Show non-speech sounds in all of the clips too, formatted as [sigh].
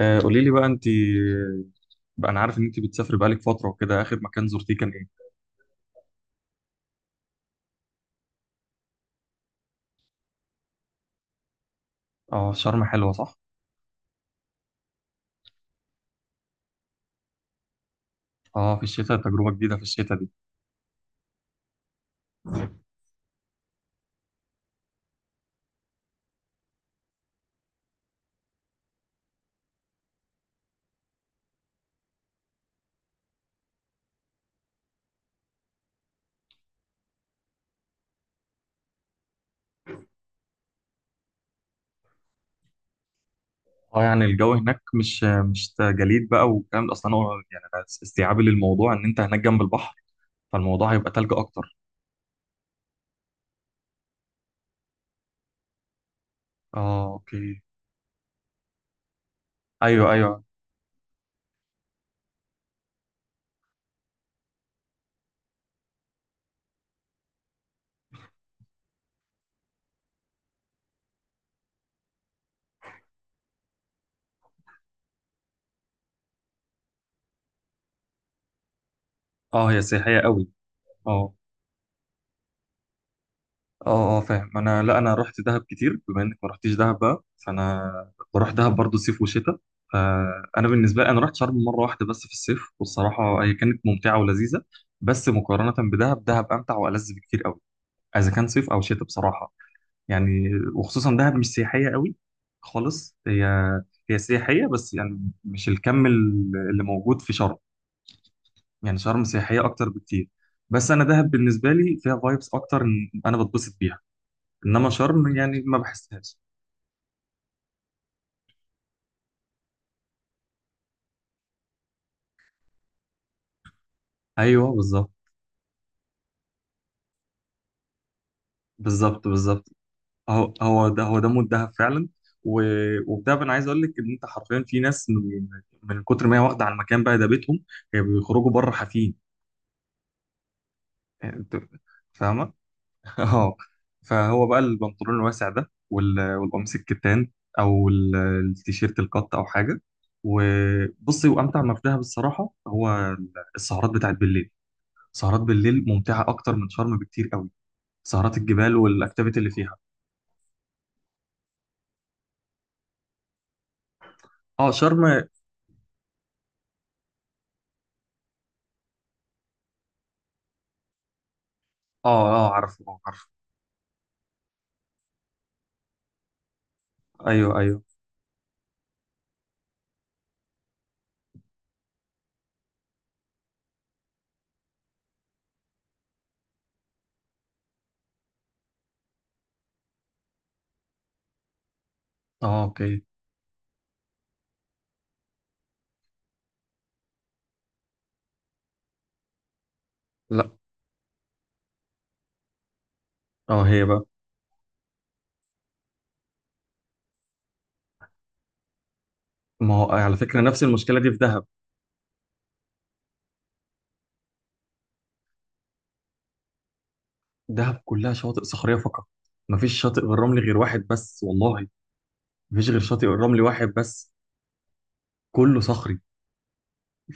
آه، قولي لي بقى انت. بقى انا عارف ان انت بتسافري بقالك فتره وكده، اخر مكان زرتيه كان ايه؟ اه، شرم حلوه صح. اه، في الشتاء تجربه جديده، في الشتاء دي. اه، يعني الجو هناك مش جليد بقى والكلام ده. اصلا انا يعني انا استيعابي للموضوع ان انت هناك جنب البحر، فالموضوع هيبقى تلج اكتر. اه، اوكي. ايوه ايوه. اه، هي سياحيه قوي. اه، اه. اه، فاهم انا. لا، انا رحت دهب كتير. بما انك ما رحتيش دهب بقى، فانا بروح دهب برضو صيف وشتاء. فانا بالنسبه لي انا رحت شرم مره واحده بس في الصيف، والصراحه هي كانت ممتعه ولذيذه. بس مقارنه بدهب، دهب امتع والذ بكتير قوي، اذا كان صيف او شتاء بصراحه. يعني، وخصوصا دهب مش سياحيه قوي خالص. هي هي سياحيه بس يعني مش الكم اللي موجود في شرم. يعني شرم سياحيه اكتر بكتير. بس انا دهب بالنسبه لي فيها فايبس اكتر، انا بتبسط بيها. انما شرم يعني ما بحسهاش. ايوه بالظبط. بالظبط بالظبط. هو ده، هو ده مود دهب فعلا. و... وبدهب، انا عايز اقول لك ان انت حرفيا في ناس من كتر ما هي واخده على المكان بقى، ده بيتهم. هي بيخرجوا بره حافين، يعني انت. فاهمه؟ [laughs] اه. فهو بقى البنطلون الواسع ده، والقميص الكتان، او التيشيرت القط او حاجه. وبصي، وامتع ما في دهب الصراحه هو السهرات بتاعت بالليل. سهرات بالليل ممتعه اكتر من شرم بكتير قوي. سهرات الجبال والاكتيفيتي اللي فيها. اه شرم، اه. اه، عارفه، اه عارفه. ايوه ايوه. اه، اوكي. لا. اه، هي بقى. ما هو على فكره نفس المشكله دي في دهب. دهب كلها شواطئ صخريه فقط. مفيش شاطئ بالرمل غير واحد بس والله. مفيش غير شاطئ الرمل واحد بس. كله صخري.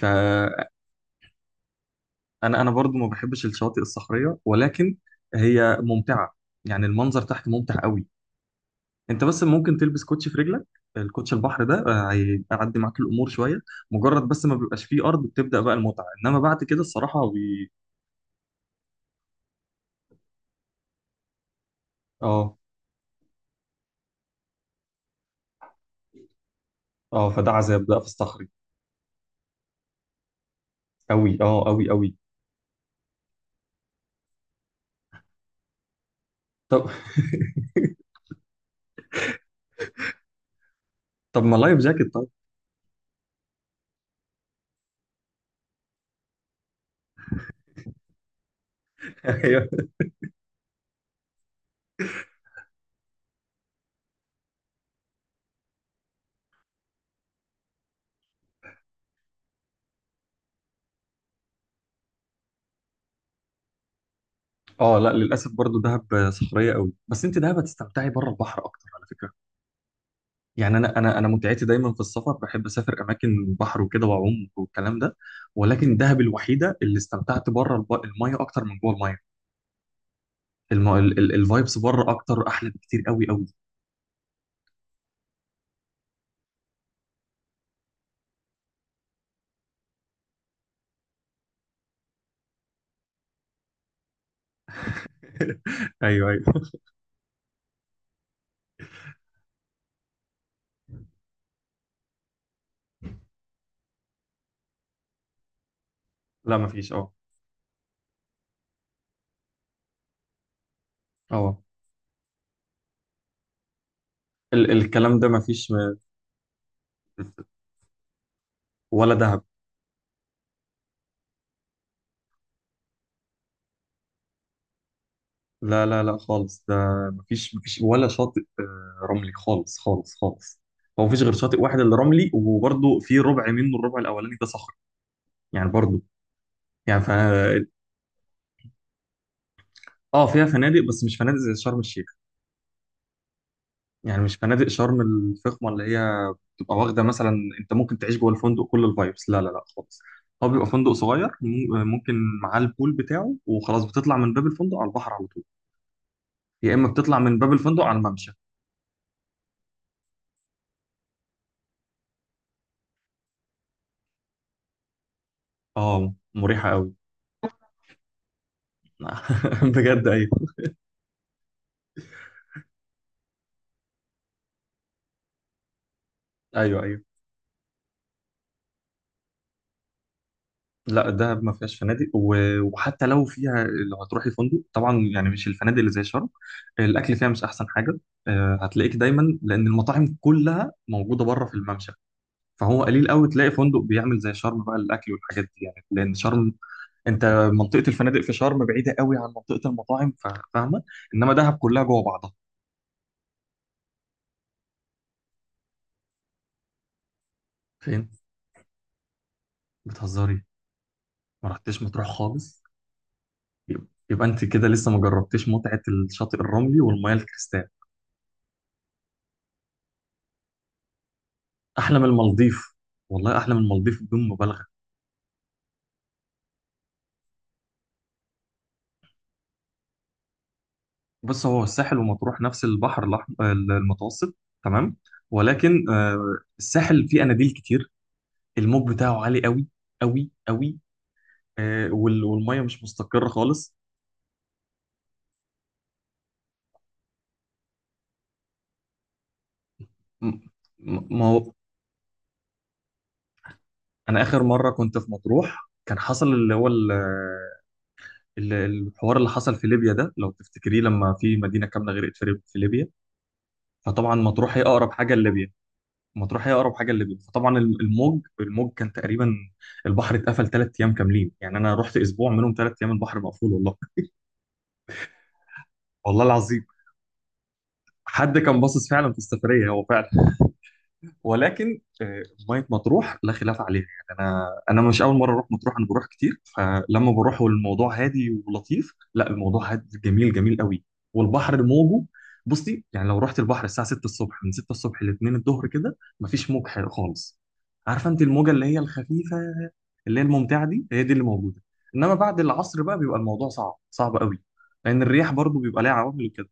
فانا، انا برضو ما بحبش الشواطئ الصخريه، ولكن هي ممتعه. يعني المنظر تحت ممتع قوي. انت بس ممكن تلبس كوتشي في رجلك. الكوتش البحر ده آه، هيعدي معاك الامور شويه. مجرد بس ما بيبقاش فيه ارض بتبدا بقى المتعه، انما بعد كده الصراحه هو بي... اه، اه، فده عذاب، ده في الصخري. قوي، اه قوي قوي. طب. طب، ما لايف جاكيت طيب. [laughs] ايوه. اه لا، للاسف برضو دهب صخريه قوي، بس انت دهب هتستمتعي بره البحر اكتر على فكره. يعني انا متعتي دايما في السفر. بحب اسافر اماكن بحر وكده واعوم والكلام ده. ولكن دهب الوحيده اللي استمتعت بره الميه اكتر من جوه الميه. الم... الفايبس بره اكتر، احلى بكتير قوي قوي. [laughs] ايوه ايوه. لا، مفيش، اه. اه، الكلام ده مفيش، ولا دهب. لا لا لا، خالص ده. مفيش، مفيش ولا شاطئ آه، رملي خالص خالص خالص. هو مفيش غير شاطئ واحد اللي رملي، وبرضه في ربع منه، الربع الاولاني ده صخر. يعني برضه، يعني ف... اه، فيها فنادق، بس مش فنادق زي شرم الشيخ. يعني مش فنادق شرم الفخمه، اللي هي او واخده مثلا، انت ممكن تعيش جوه الفندق كل الفايبس، لا لا لا خالص. هو بيبقى فندق صغير، ممكن معاه البول بتاعه وخلاص. بتطلع من باب الفندق على البحر على طول، يا اما بتطلع من باب الفندق على الممشى. اه، مريحه قوي. [laughs] بجد ايوه. ايوه ايوه. لا، دهب ما فيهاش فنادق، وحتى لو فيها، لو هتروحي فندق طبعا يعني مش الفنادق اللي زي شرم. الاكل فيها مش احسن حاجه. آه، هتلاقيك دايما لان المطاعم كلها موجوده بره في الممشى. فهو قليل قوي تلاقي فندق بيعمل زي شرم بقى، الاكل والحاجات دي يعني، لان شرم، انت منطقه الفنادق في شرم بعيده قوي عن منطقه المطاعم، فاهمه. انما دهب كلها جوه بعضها. فين؟ بتهزري. ما رحتش مطروح خالص. يبقى انت كده لسه ما جربتيش متعه الشاطئ الرملي والمياه الكريستال. احلى من المالديف. والله احلى من المالديف بدون مبالغه. بص، هو الساحل ومطروح نفس البحر الأحمر المتوسط، تمام. ولكن آه، الساحل فيه اناديل كتير. الموج بتاعه عالي قوي قوي قوي. آه، والميه مش مستقره خالص. م- ما هو انا اخر مره كنت في مطروح، كان حصل اللي هو الحوار اللي حصل في ليبيا ده لو تفتكريه، لما في مدينه كامله غرقت في ليبيا. فطبعا مطروح هي اقرب حاجه لليبيا. مطروح هي اقرب حاجه لليبيا، فطبعا الموج كان تقريبا، البحر اتقفل ثلاث ايام كاملين. يعني انا رحت اسبوع منهم ثلاث ايام البحر مقفول والله. والله العظيم. حد كان باصص فعلا في السفريه، هو فعلا. ولكن آه، ميه مطروح لا خلاف عليها. يعني انا مش اول مره اروح مطروح، انا بروح كتير. فلما بروح والموضوع هادي ولطيف، لا، الموضوع هادي جميل جميل قوي. والبحر موجه. بصي يعني، لو رحت البحر الساعه 6 الصبح، من 6 الصبح ل 2 الظهر كده مفيش موج حلو خالص. عارفه انت الموجه اللي هي الخفيفه اللي هي الممتعه دي، هي دي اللي موجوده. انما بعد العصر بقى بيبقى الموضوع صعب صعب قوي، لان الرياح برضو بيبقى ليها عوامل وكده.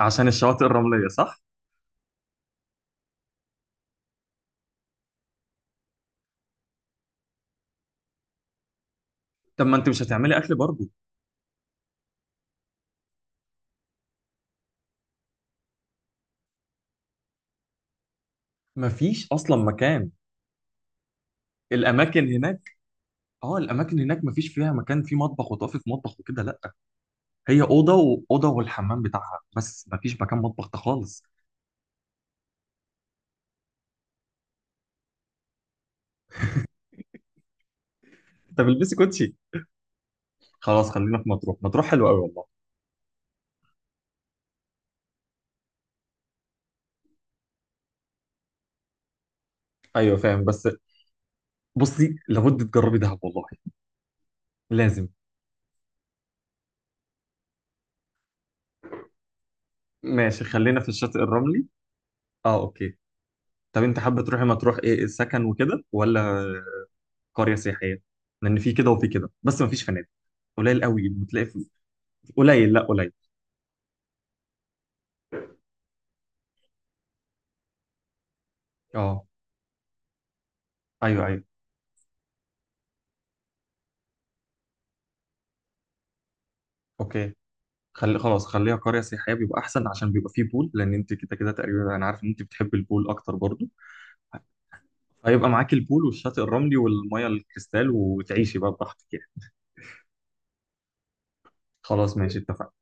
عشان الشواطئ الرمليه صح. طب ما انت مش هتعملي اكل برضو؟ مفيش اصلا مكان. الاماكن هناك، اه الاماكن هناك مفيش فيها مكان فيه مطبخ، وطافي في مطبخ وكده لا. هي اوضه، واوضه والحمام بتاعها، بس مفيش مكان مطبخ ده خالص. انت بتلبسي كوتشي. خلاص خلينا في مطروح، مطروح حلوه قوي والله. ايوه فاهم، بس بصي لابد تجربي دهب والله، لازم. ماشي خلينا في الشاطئ الرملي. اه، اوكي. طب انت حابه تروحي مطروح ايه؟ سكن وكده، ولا قريه سياحيه؟ لان في كده وفي كده، بس مفيش فنادق. قليل قوي بتلاقي في... قليل، لا قليل. اه. ايوه ايوه، اوكي. خلي خلاص، خليها قرية سياحية بيبقى أحسن، عشان بيبقى فيه بول، لأن أنت كده كده تقريبا أنا عارف إن أنت بتحب البول أكتر برضو. فيبقى معاك البول والشاطئ الرملي والمية الكريستال، وتعيشي بقى براحتك يعني. خلاص ماشي، اتفقنا.